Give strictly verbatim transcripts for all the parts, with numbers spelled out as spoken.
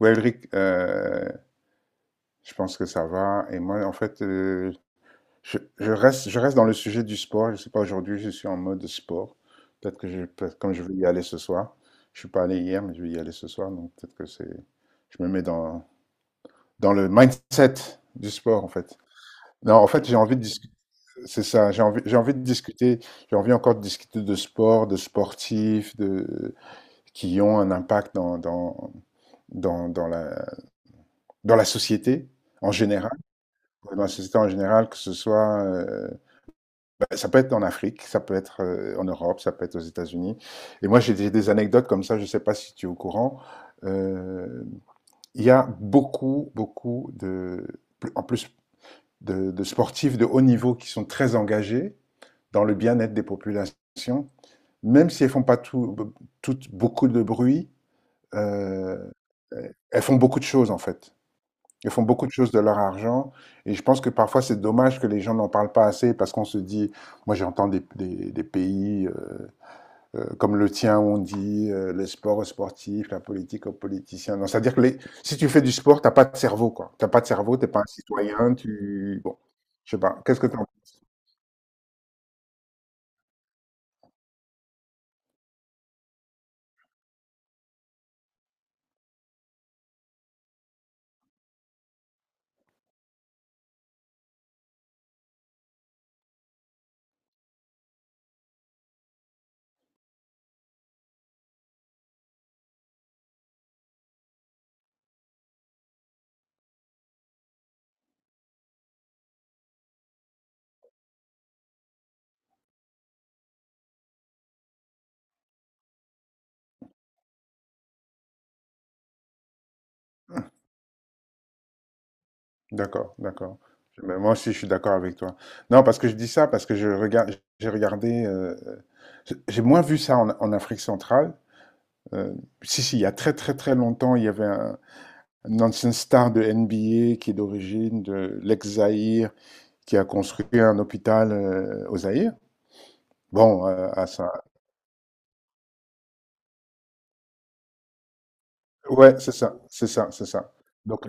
Ouais, Elric, euh, je pense que ça va. Et moi, en fait, euh, je, je reste, je reste dans le sujet du sport. Je sais pas, aujourd'hui, je suis en mode sport. Peut-être que je, peut-être- comme je vais y aller ce soir, je suis pas allé hier, mais je vais y aller ce soir. Donc, peut-être que c'est, je me mets dans, dans le mindset du sport, en fait. Non, en fait, j'ai envie de discuter. C'est ça, j'ai envie, j'ai envie de discuter. J'ai envie encore de discuter de sport, de sportifs, de, qui ont un impact dans, dans, dans, dans la, dans la société en général dans la société en général, que ce soit, euh, bah, ça peut être en Afrique, ça peut être euh, en Europe, ça peut être aux États-Unis. Et moi, j'ai des, des anecdotes comme ça, je ne sais pas si tu es au courant. Euh, Il y a beaucoup, beaucoup de, en plus de, de sportifs de haut niveau qui sont très engagés dans le bien-être des populations, même si elles font pas tout, toutes beaucoup de bruit. euh, Elles font beaucoup de choses en fait. Ils font beaucoup de choses de leur argent et je pense que parfois c'est dommage que les gens n'en parlent pas assez parce qu'on se dit, moi j'entends des, des- des pays euh, euh, comme le tien où on dit euh, le sport aux sportifs, la politique aux politiciens. Non, c'est-à-dire que les, si tu fais du sport, t'as pas de cerveau quoi. T'as pas de cerveau, t'es pas un citoyen, tu... Bon, je sais pas, qu'est-ce que tu en penses? D'accord, d'accord. Mais moi aussi je suis d'accord avec toi. Non, parce que je dis ça parce que je regarde, j'ai regardé, euh, j'ai moins vu ça en en Afrique centrale. Euh, Si, si, il y a très très très longtemps, il y avait un, un ancien star de N B A qui est d'origine de l'ex-Zaïre, qui a construit un hôpital euh, au Zaïre. Bon, euh, à ça. Ouais, c'est ça, c'est ça, c'est ça. Donc,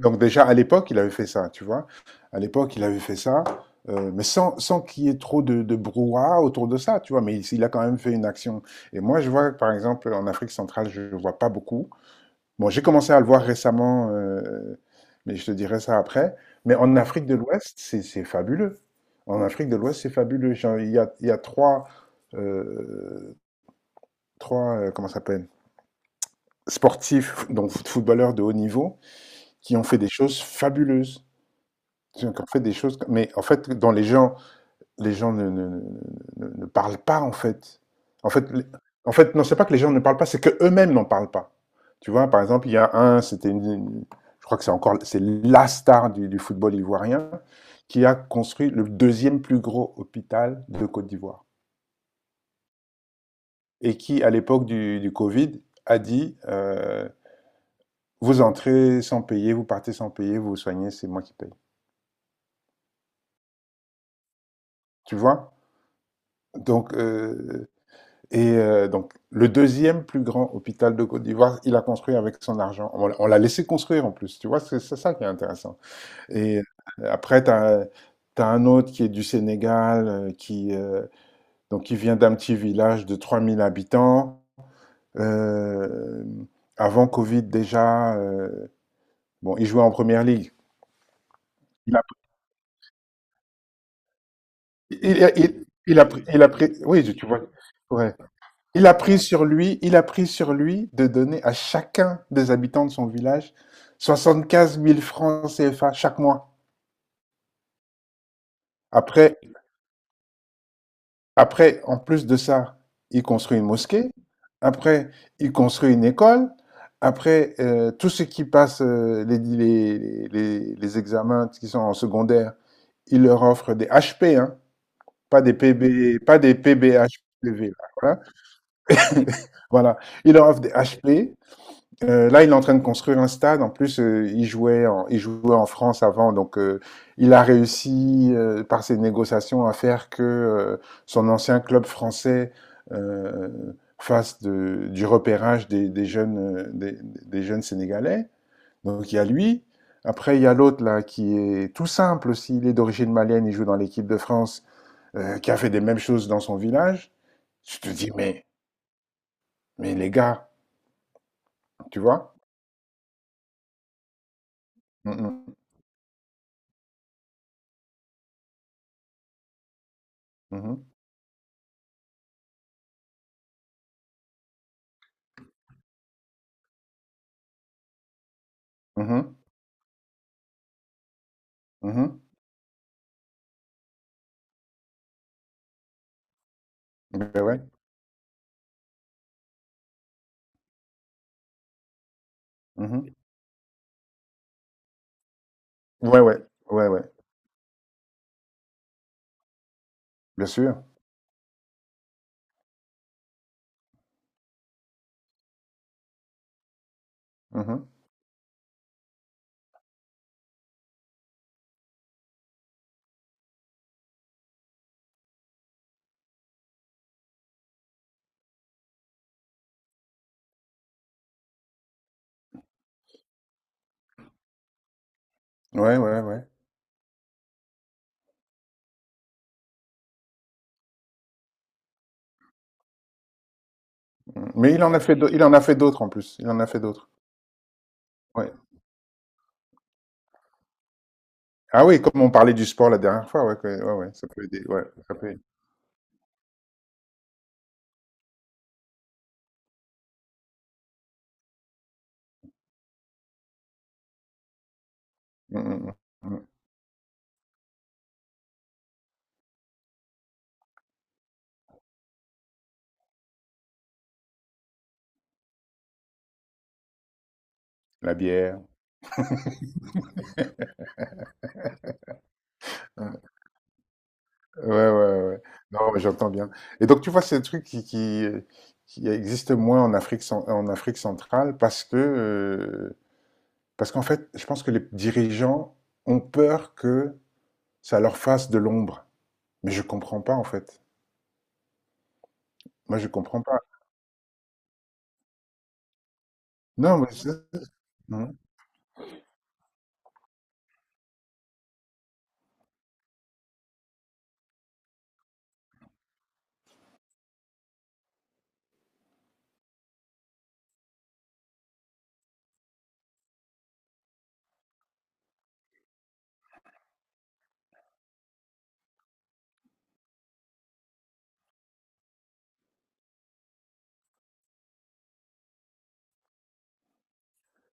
donc déjà, à l'époque, il avait fait ça, tu vois. À l'époque, il avait fait ça, euh, mais sans, sans qu'il y ait trop de, de brouhaha autour de ça, tu vois. Mais il, il a quand même fait une action. Et moi, je vois, par exemple, en Afrique centrale, je ne vois pas beaucoup. Bon, j'ai commencé à le voir récemment, heu, mais je te dirai ça après. Mais en Afrique de l'Ouest, c'est c'est fabuleux. En Afrique de l'Ouest, c'est fabuleux. Genre, il y a il y a trois, heu, trois, heu, comment ça s'appelle? Sportifs, donc foot footballeurs de haut niveau, qui ont fait des choses fabuleuses. Qui ont fait des choses mais en fait, dans les gens les gens ne, ne, ne, ne- ne parlent pas en fait. En fait, les, en fait, non, c'est pas que les gens ne parlent pas, c'est que eux-mêmes n'en parlent pas. Tu vois, par exemple, il y a un, c'était une, une- je crois que c'est encore, c'est la star du, du football ivoirien qui a construit le deuxième plus gros hôpital de Côte d'Ivoire et qui, à l'époque du, du Covid, a dit euh, vous entrez sans payer, vous partez sans payer, vous vous soignez, c'est moi qui paye. Tu vois? Donc, euh, Et euh, donc, le deuxième plus grand hôpital de Côte d'Ivoire, il a construit avec son argent. On, on l'a laissé construire en plus, tu vois, c'est c'est ça qui est intéressant. Et euh, après, tu as un autre qui est du Sénégal, euh, qui, euh, donc, qui vient d'un petit village de trois mille habitants. Euh, Avant Covid déjà, euh, bon, il jouait en première ligue. Il a, il, il- il- il a, pris- il a pris, oui, tu vois, ouais. Il a pris sur lui, il a pris sur lui de donner à chacun des habitants de son village soixante-quinze mille francs C F A chaque mois. Après, après, en plus de ça, il construit une mosquée. Après, il construit une école. Après, euh, tous ceux qui passent euh, les, les, les, les examens qui sont en secondaire, il leur offre des H P, hein, pas des P B, pas des P B H P V. Là, voilà. Voilà. Il leur offre des H P. Euh, là, il est en train de construire un stade. En plus, euh, il jouait en, il jouait en France avant, donc euh, il a réussi euh, par ses négociations à faire que euh, son ancien club français euh, fasse de- du repérage des, des jeunes, euh, des, des jeunes sénégalais. Donc il y a lui. Après, il y a l'autre là qui est tout simple aussi. Il est d'origine malienne. Il joue dans l'équipe de France, euh, qui a fait des mêmes choses dans son village. Tu te dis mais mais les gars, tu vois? Mhm, mhm, mhm, mhm. Beh, ouais. Mmh. Ouais, ouais. Ouais, ouais. Bien sûr. Mmh. Ouais, ouais, ouais. Mmh. Mais il en a fait d'au il en a fait d'autres en plus. Il en a fait d'autres. Ouais. Ah oui, comme on parlait du sport la dernière fois, ouais, que ouais, ouais, ça peut aider, ouais, ça peut aider. Mmh mh, mmh. Mmh. La bière. Mmh. Ouais, ouais, ouais, ouais. Non, mais j'entends bien. Et donc tu vois, c'est un truc qui qui, heu, qui existe moins en Afrique cen en Afrique centrale parce que, heu, parce qu'en fait, je pense que les dirigeants ont peur que ça leur fasse de l'ombre. Mais je comprends pas en fait. Moi, je comprends pas. Non, mais c'est mmh.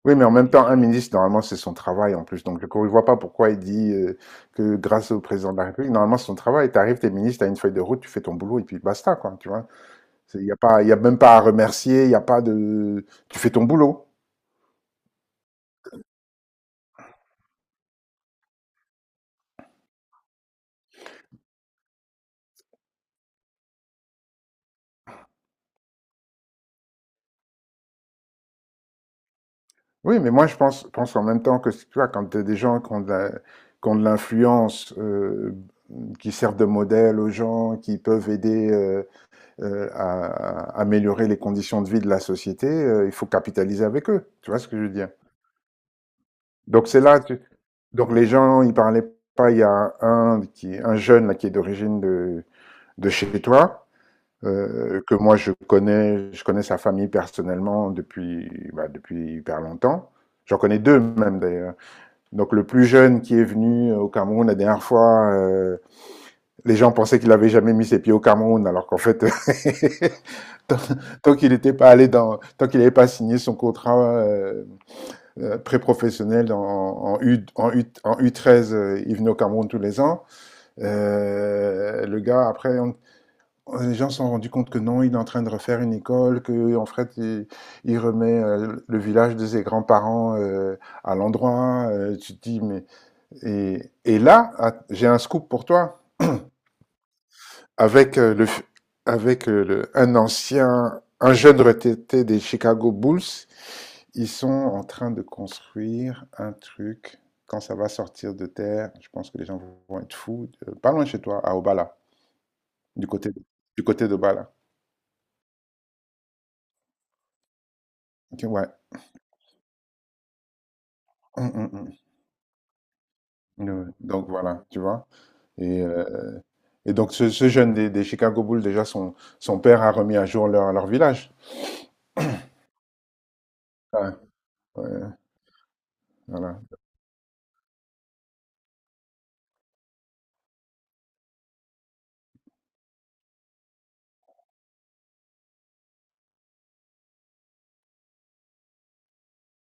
Oui, mais en même temps, un ministre, normalement, c'est son travail en plus. Donc, je ne vois pas pourquoi il dit euh, que grâce au président de la République, normalement, c'est son travail. Tu arrives, t'es ministre, t'as une feuille de route, tu fais ton boulot et puis basta, quoi. Tu vois, il n'y a pas, y a même pas à remercier, il n'y a pas de. Tu fais ton boulot. Oui, mais moi, je pense, pense en même temps que, tu vois, quand t'as des gens qui ont de la- qui ont de l'influence, euh, qui servent de modèle aux gens, qui peuvent aider, euh, euh, à, à améliorer les conditions de vie de la société, euh, il faut capitaliser avec eux. Tu vois ce que je veux dire? Donc c'est là, tu- donc les gens, ils parlaient pas. Il y a un qui, un jeune là qui est d'origine de de chez toi, euh, que moi je connais, je connais sa famille personnellement depuis bah, depuis hyper longtemps. J'en connais deux même d'ailleurs. Donc le plus jeune qui est venu euh, au Cameroun la dernière fois, euh, les gens pensaient qu'il avait jamais mis ses pieds au Cameroun, alors qu'en fait tant qu'il n'était pas allé dans, tant qu'il n'avait pas signé son contrat euh, euh, pré-professionnel en, en, U, en, U, en U treize, euh, il venait au Cameroun tous les ans. Euh, le gars, après, on- les gens se sont rendus compte que non, il est en train de refaire une école, que en fait, il, il remet euh, le village de ses grands-parents euh, à l'endroit. Euh, tu te dis, mais et, et là, ah, j'ai un scoop pour toi avec euh, le, avec euh, le- un ancien, un jeune retraité des Chicago Bulls. Ils sont en train de construire un truc. Quand ça va sortir de terre, je pense que les gens vont être fous. Euh, Pas loin de chez toi, à Obala, du côté, du côté d'Obala. Ok, ouais. Hum, hum, hum. Ouais, ouais. Donc voilà, tu vois. Et, euh, et donc ce, ce jeune des, des Chicago Bulls, déjà, son, son père a remis à jour leur, leur village. Ouais, ouais, voilà.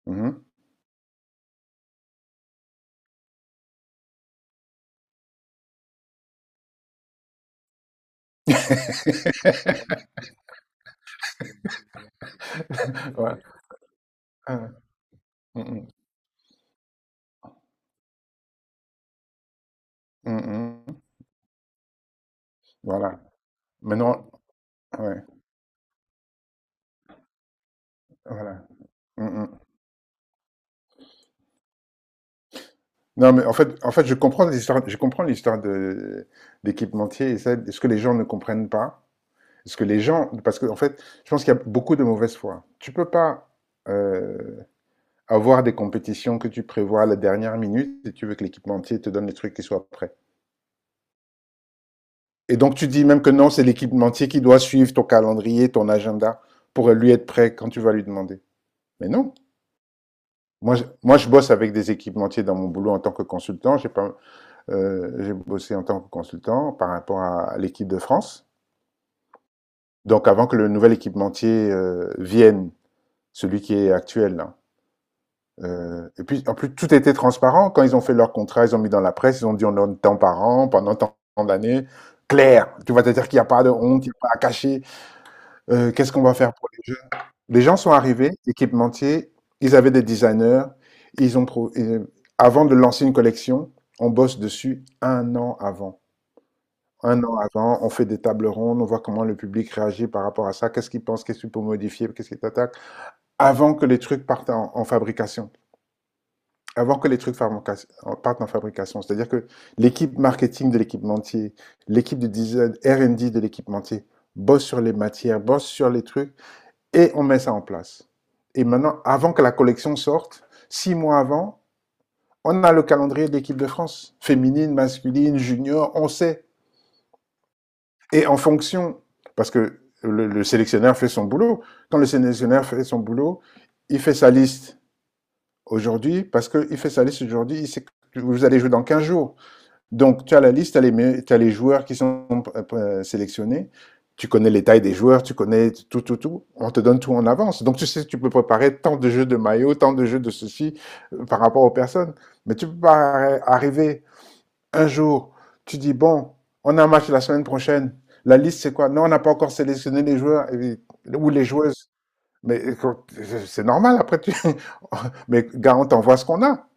Mhm. Ouais. Ah, mm, mm, mm, mm. Voilà. Maintenant, ouais, voilà. Mm. Non, mais en fait, en fait, je comprends l'histoire, je comprends l'histoire de d'équipementier et ça, ce que les gens ne comprennent pas, ce que les gens, parce que en fait, je pense qu'il y a beaucoup de mauvaise foi. Tu peux pas euh, avoir des compétitions que tu prévois à la dernière minute et tu veux que l'équipementier te donne les trucs qui soient prêts. Et donc tu dis même que non, c'est l'équipementier qui doit suivre ton calendrier, ton agenda pour lui être prêt quand tu vas lui demander. Mais non. Moi, je, moi, je bosse avec des équipementiers dans mon boulot en tant que consultant. J'ai pas. Euh, j'ai bossé en tant que consultant par rapport à l'équipe de France. Donc avant que le nouvel équipementier euh, vienne, celui qui est actuel, hein. Euh, et puis en plus tout était transparent. Quand ils ont fait leur contrat, ils ont mis dans la presse, ils ont dit on donne tant par an pendant tant d'années. Clair, tu vas te dire qu'il n'y a pas de honte, il n'y a pas à cacher. Euh, Qu'est-ce qu'on va faire pour les jeunes? Les gens sont arrivés, équipementiers, ils avaient des designers, ils ont pro- euh, avant de lancer une collection, on bosse dessus un an avant. Un an avant, on fait des tables rondes, on voit comment le public réagit par rapport à ça, qu'est-ce qu'il pense, qu'est-ce qu'il peut modifier, qu'est-ce qu'il attaque, avant que les trucs partent en, en fabrication, avant que les trucs partent en fabrication. C'est-à-dire que l'équipe marketing de l'équipementier, l'équipe de design, R et D de l'équipementier, bosse sur les matières, bosse sur les trucs, et on met ça en place. Et maintenant, avant que la collection sorte, six mois avant, on a le calendrier de l'équipe de France, féminine, masculine, junior, on sait. Et en fonction, parce que le, le sélectionneur fait son boulot, quand le sélectionneur fait son boulot, il fait sa liste aujourd'hui, parce qu'il fait sa liste aujourd'hui, il sait que vous allez jouer dans quinze jours. Donc, tu as la liste, tu as, les, tu as les joueurs qui sont euh, sélectionnés, tu connais les tailles des joueurs, tu connais tout, tout, tout. On te donne tout en avance. Donc, tu sais, tu peux préparer tant de jeux de maillots, tant de jeux de ceci euh, par rapport aux personnes. Mais tu peux pas arriver un jour, tu dis, bon, on a un match la semaine prochaine. La liste, c'est quoi? Non, on n'a pas encore sélectionné les joueurs et- ou les joueuses. Mais quand, c'est normal, après, tu... Mais gars, on t'envoie ce qu'on a.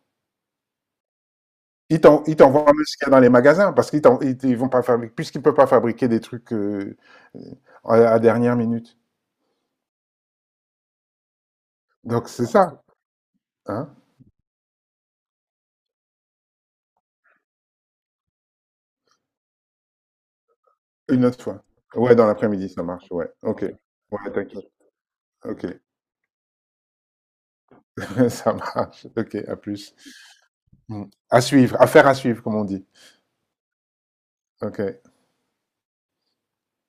Ils t'en- ils t'envoient même ce qu'il y a dans les magasins parce qu'ils t'en- ils, ils vont pas fabriquer, puisqu'ils ne peuvent pas fabriquer des trucs euh, à la dernière minute. Donc, c'est ça, hein? Une autre fois. Ouais, dans l'après-midi, ça marche, ouais. Ok. Ouais, t'inquiète. Ok. Ça marche. Ok, à plus. Mm. À suivre, à faire à suivre, comme on dit. Ok.